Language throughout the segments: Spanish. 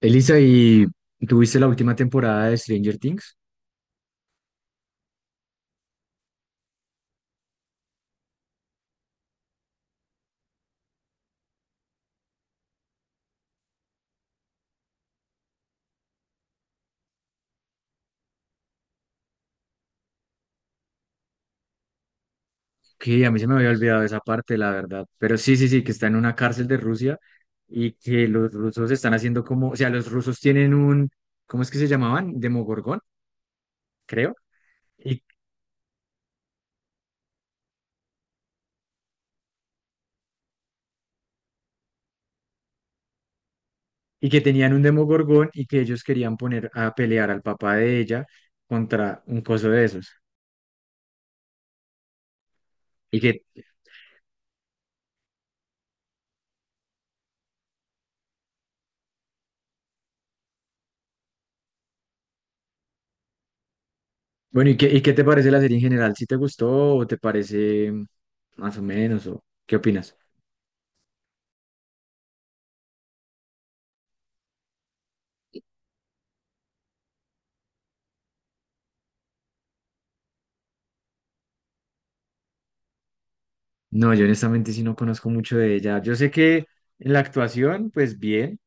Elisa, ¿y tuviste la última temporada de Stranger Things? Que a mí se me había olvidado esa parte, la verdad. Pero sí, sí, sí, que está en una cárcel de Rusia y que los rusos están haciendo como, o sea, los rusos tienen un, ¿cómo es que se llamaban? Demogorgón, creo. Y, y que tenían un Demogorgón y que ellos querían poner a pelear al papá de ella contra un coso de esos. Y que, bueno, y qué te parece la serie en general? ¿Si te gustó o te parece más o menos? ¿O qué opinas? No, yo honestamente sí no conozco mucho de ella. Yo sé que en la actuación, pues bien,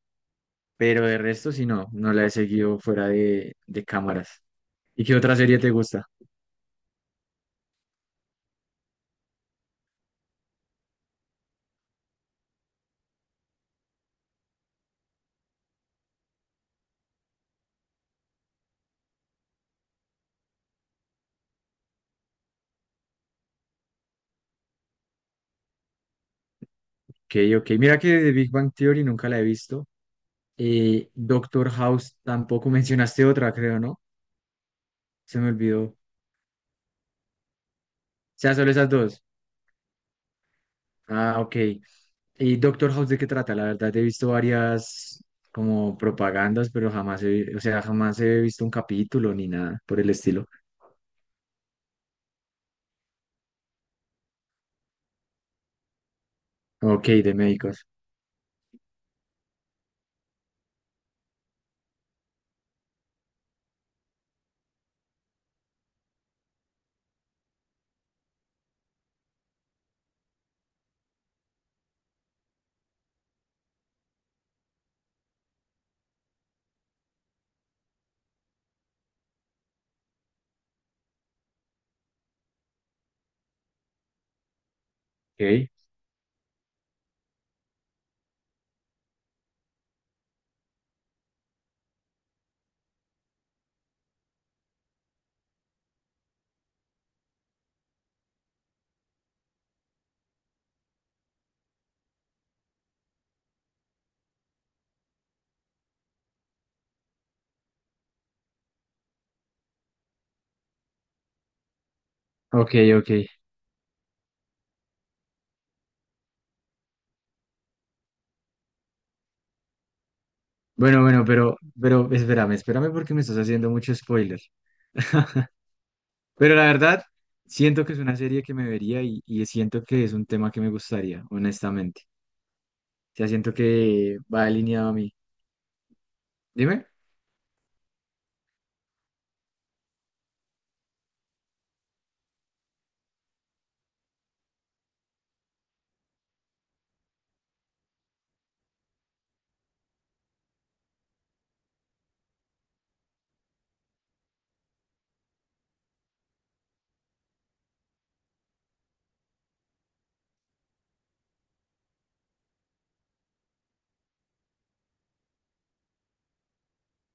pero de resto sí no, no la he seguido fuera de cámaras. ¿Y qué otra serie te gusta? Ok, ok. Mira que The Big Bang Theory nunca la he visto. Doctor House tampoco mencionaste otra, creo, ¿no? Se me olvidó. O sea, solo esas dos. Ah, ok. ¿Y Doctor House de qué trata? La verdad, he visto varias como propagandas, pero jamás he, o sea, jamás he visto un capítulo ni nada por el estilo. Ok, de médicos. Ok. Ok, ok. Bueno, bueno, pero espérame, espérame porque me estás haciendo mucho spoiler. Pero la verdad, siento que es una serie que me vería y siento que es un tema que me gustaría, honestamente. O sea, siento que va alineado a mí. Dime.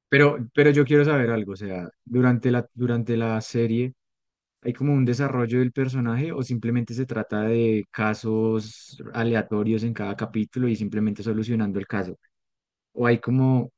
Pero yo quiero saber algo, o sea, durante durante la serie, ¿hay como un desarrollo del personaje o simplemente se trata de casos aleatorios en cada capítulo y simplemente solucionando el caso? ¿O hay como...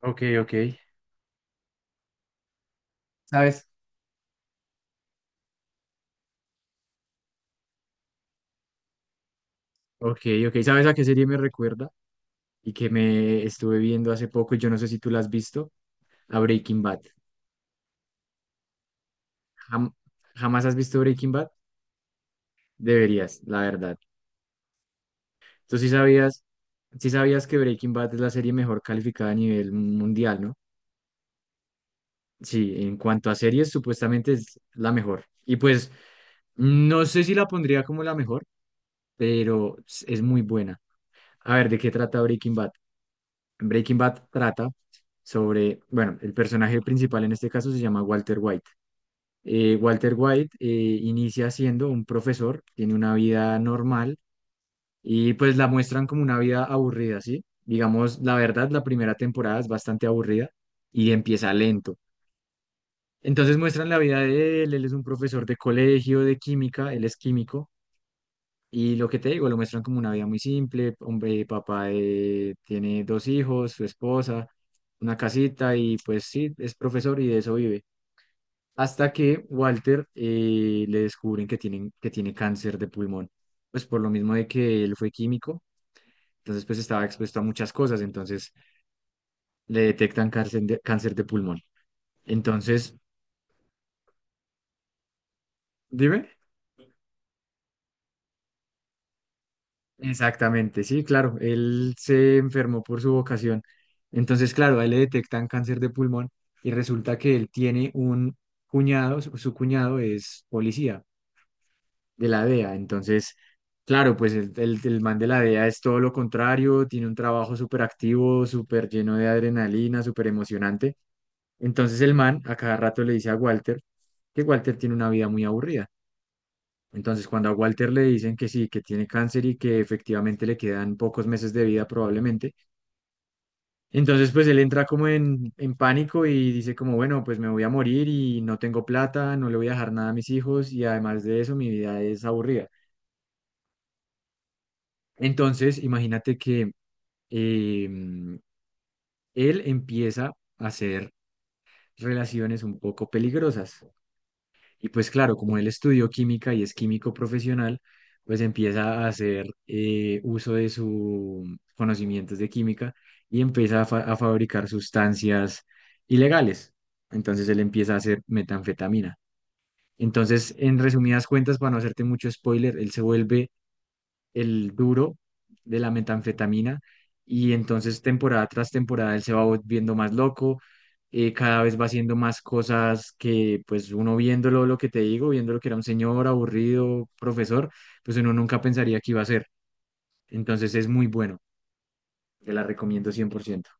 Ok, ok. ¿Sabes? Ok, ok, ¿sabes a qué serie me recuerda? Y que me estuve viendo hace poco, y yo no sé si tú la has visto, a Breaking Bad. Jam- ¿Jamás has visto Breaking Bad? Deberías, la verdad. Tú sí sabías que Breaking Bad es la serie mejor calificada a nivel mundial, ¿no? Sí, en cuanto a series, supuestamente es la mejor. Y pues, no sé si la pondría como la mejor, pero es muy buena. A ver, ¿de qué trata Breaking Bad? Breaking Bad trata sobre, bueno, el personaje principal en este caso se llama Walter White Walter White, inicia siendo un profesor, tiene una vida normal y pues la muestran como una vida aburrida, ¿sí? Digamos, la verdad, la primera temporada es bastante aburrida y empieza lento. Entonces muestran la vida de él, él es un profesor de colegio, de química, él es químico y lo que te digo, lo muestran como una vida muy simple, hombre, tiene dos hijos, su esposa, una casita y pues sí, es profesor y de eso vive. Hasta que Walter, le descubren que, tienen, que tiene cáncer de pulmón. Pues por lo mismo de que él fue químico, entonces pues estaba expuesto a muchas cosas, entonces le detectan cáncer de pulmón. Entonces, dime. Exactamente, sí, claro, él se enfermó por su vocación. Entonces, claro, a él le detectan cáncer de pulmón y resulta que él tiene un cuñado, su cuñado es policía. De la DEA. Entonces, claro, pues el man de la DEA es todo lo contrario, tiene un trabajo súper activo, súper lleno de adrenalina, súper emocionante. Entonces el man a cada rato le dice a Walter que Walter tiene una vida muy aburrida. Entonces, cuando a Walter le dicen que sí, que tiene cáncer y que efectivamente le quedan pocos meses de vida probablemente, entonces pues él entra como en pánico y dice como, bueno, pues me voy a morir y no tengo plata, no le voy a dejar nada a mis hijos y además de eso mi vida es aburrida. Entonces, imagínate que em, él empieza a hacer relaciones un poco peligrosas. Y pues claro, como él estudió química y es químico profesional, pues empieza a hacer, uso de sus conocimientos de química y empieza a, a fabricar sustancias ilegales. Entonces él empieza a hacer metanfetamina. Entonces, en resumidas cuentas, para no hacerte mucho spoiler, él se vuelve el duro de la metanfetamina y entonces temporada tras temporada él se va volviendo más loco, cada vez va haciendo más cosas que pues uno viéndolo, lo que te digo, viéndolo que era un señor aburrido, profesor, pues uno nunca pensaría que iba a ser. Entonces es muy bueno, te la recomiendo cien por ciento.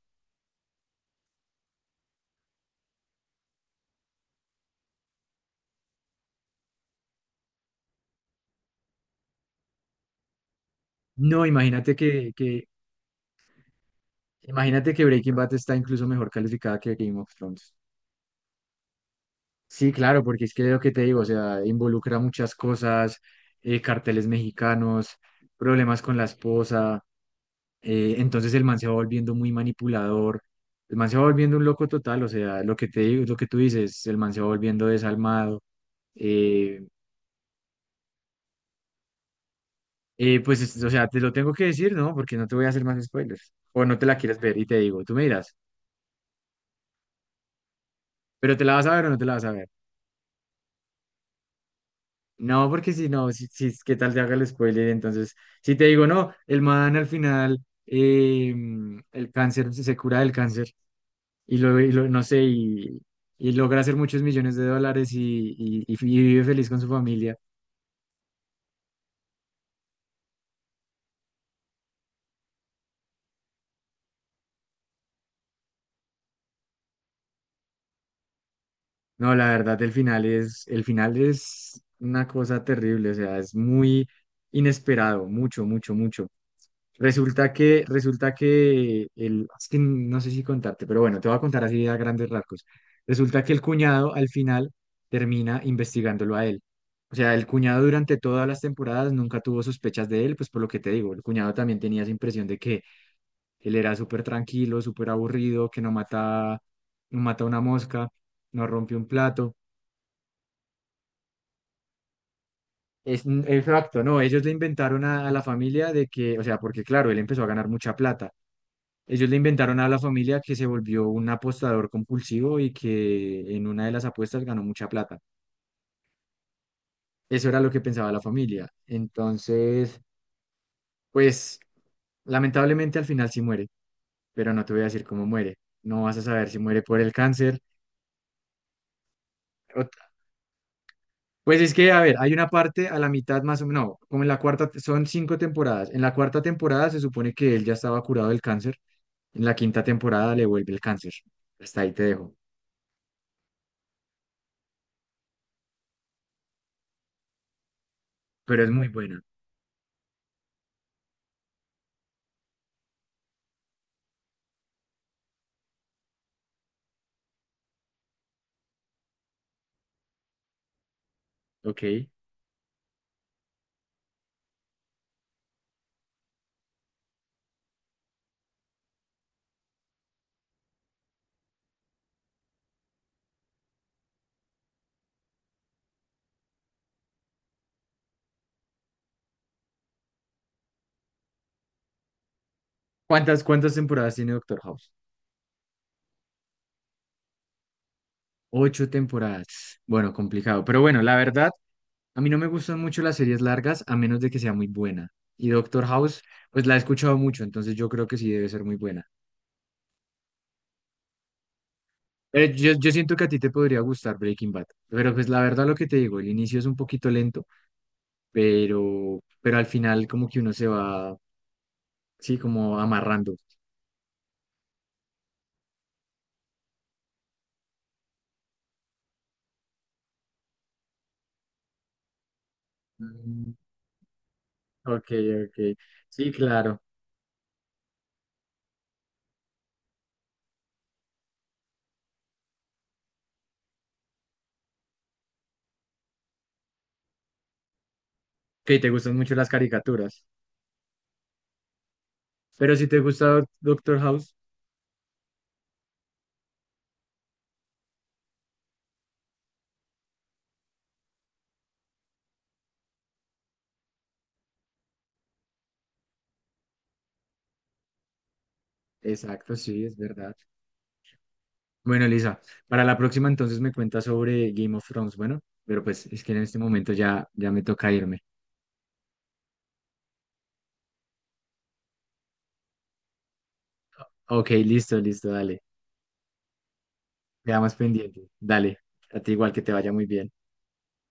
No, imagínate imagínate que Breaking Bad está incluso mejor calificada que Game of Thrones. Sí, claro, porque es que lo que te digo, o sea, involucra muchas cosas, carteles mexicanos, problemas con la esposa, entonces el man se va volviendo muy manipulador, el man se va volviendo un loco total, o sea, lo que te digo, lo que tú dices, el man se va volviendo desalmado. eh, pues, o sea, te lo tengo que decir, ¿no? Porque no te voy a hacer más spoilers, o no te la quieres ver y te digo, tú me dirás, pero ¿te la vas a ver o no te la vas a ver? No, porque si no, si, si es que tal te haga el spoiler, entonces, si te digo, no, el man al final, el cáncer, se cura del cáncer no sé, y logra hacer muchos millones de dólares y vive feliz con su familia. No, la verdad, el final es una cosa terrible, o sea, es muy inesperado, mucho, mucho, mucho. Resulta que el, es que no sé si contarte, pero bueno, te voy a contar así a grandes rasgos. Resulta que el cuñado al final termina investigándolo a él. O sea, el cuñado durante todas las temporadas nunca tuvo sospechas de él, pues por lo que te digo, el cuñado también tenía esa impresión de que él era súper tranquilo, súper aburrido, que no mata, no mata una mosca, no rompe un plato. Es, exacto, no, ellos le inventaron a la familia de que, o sea, porque claro, él empezó a ganar mucha plata. Ellos le inventaron a la familia que se volvió un apostador compulsivo y que en una de las apuestas ganó mucha plata. Eso era lo que pensaba la familia. Entonces, pues lamentablemente al final sí muere, pero no te voy a decir cómo muere. No vas a saber si muere por el cáncer. o- Pues es que, a ver, hay una parte a la mitad más o menos, no, como en la cuarta, son cinco temporadas. En la cuarta temporada se supone que él ya estaba curado del cáncer. En la quinta temporada le vuelve el cáncer. Hasta ahí te dejo. Pero es muy buena, ¿ok? ¿Cuántas, cuántas temporadas tiene Doctor House? Ocho temporadas. Bueno, complicado. Pero bueno, la verdad, a mí no me gustan mucho las series largas a menos de que sea muy buena. Y Doctor House, pues la he escuchado mucho, entonces yo creo que sí debe ser muy buena. Pero yo siento que a ti te podría gustar Breaking Bad. Pero pues la verdad lo que te digo, el inicio es un poquito lento, pero al final como que uno se va, sí, como amarrando. Mm, ok, ok. Sí, claro. Ok, te gustan mucho las caricaturas. Pero si te gusta Doctor House, exacto, sí, es verdad. Bueno, Elisa, para la próxima entonces me cuentas sobre Game of Thrones, bueno, pero pues es que en este momento ya, ya me toca irme. Ok, listo, listo, dale. Quedamos pendientes. Dale, a ti igual que te vaya muy bien.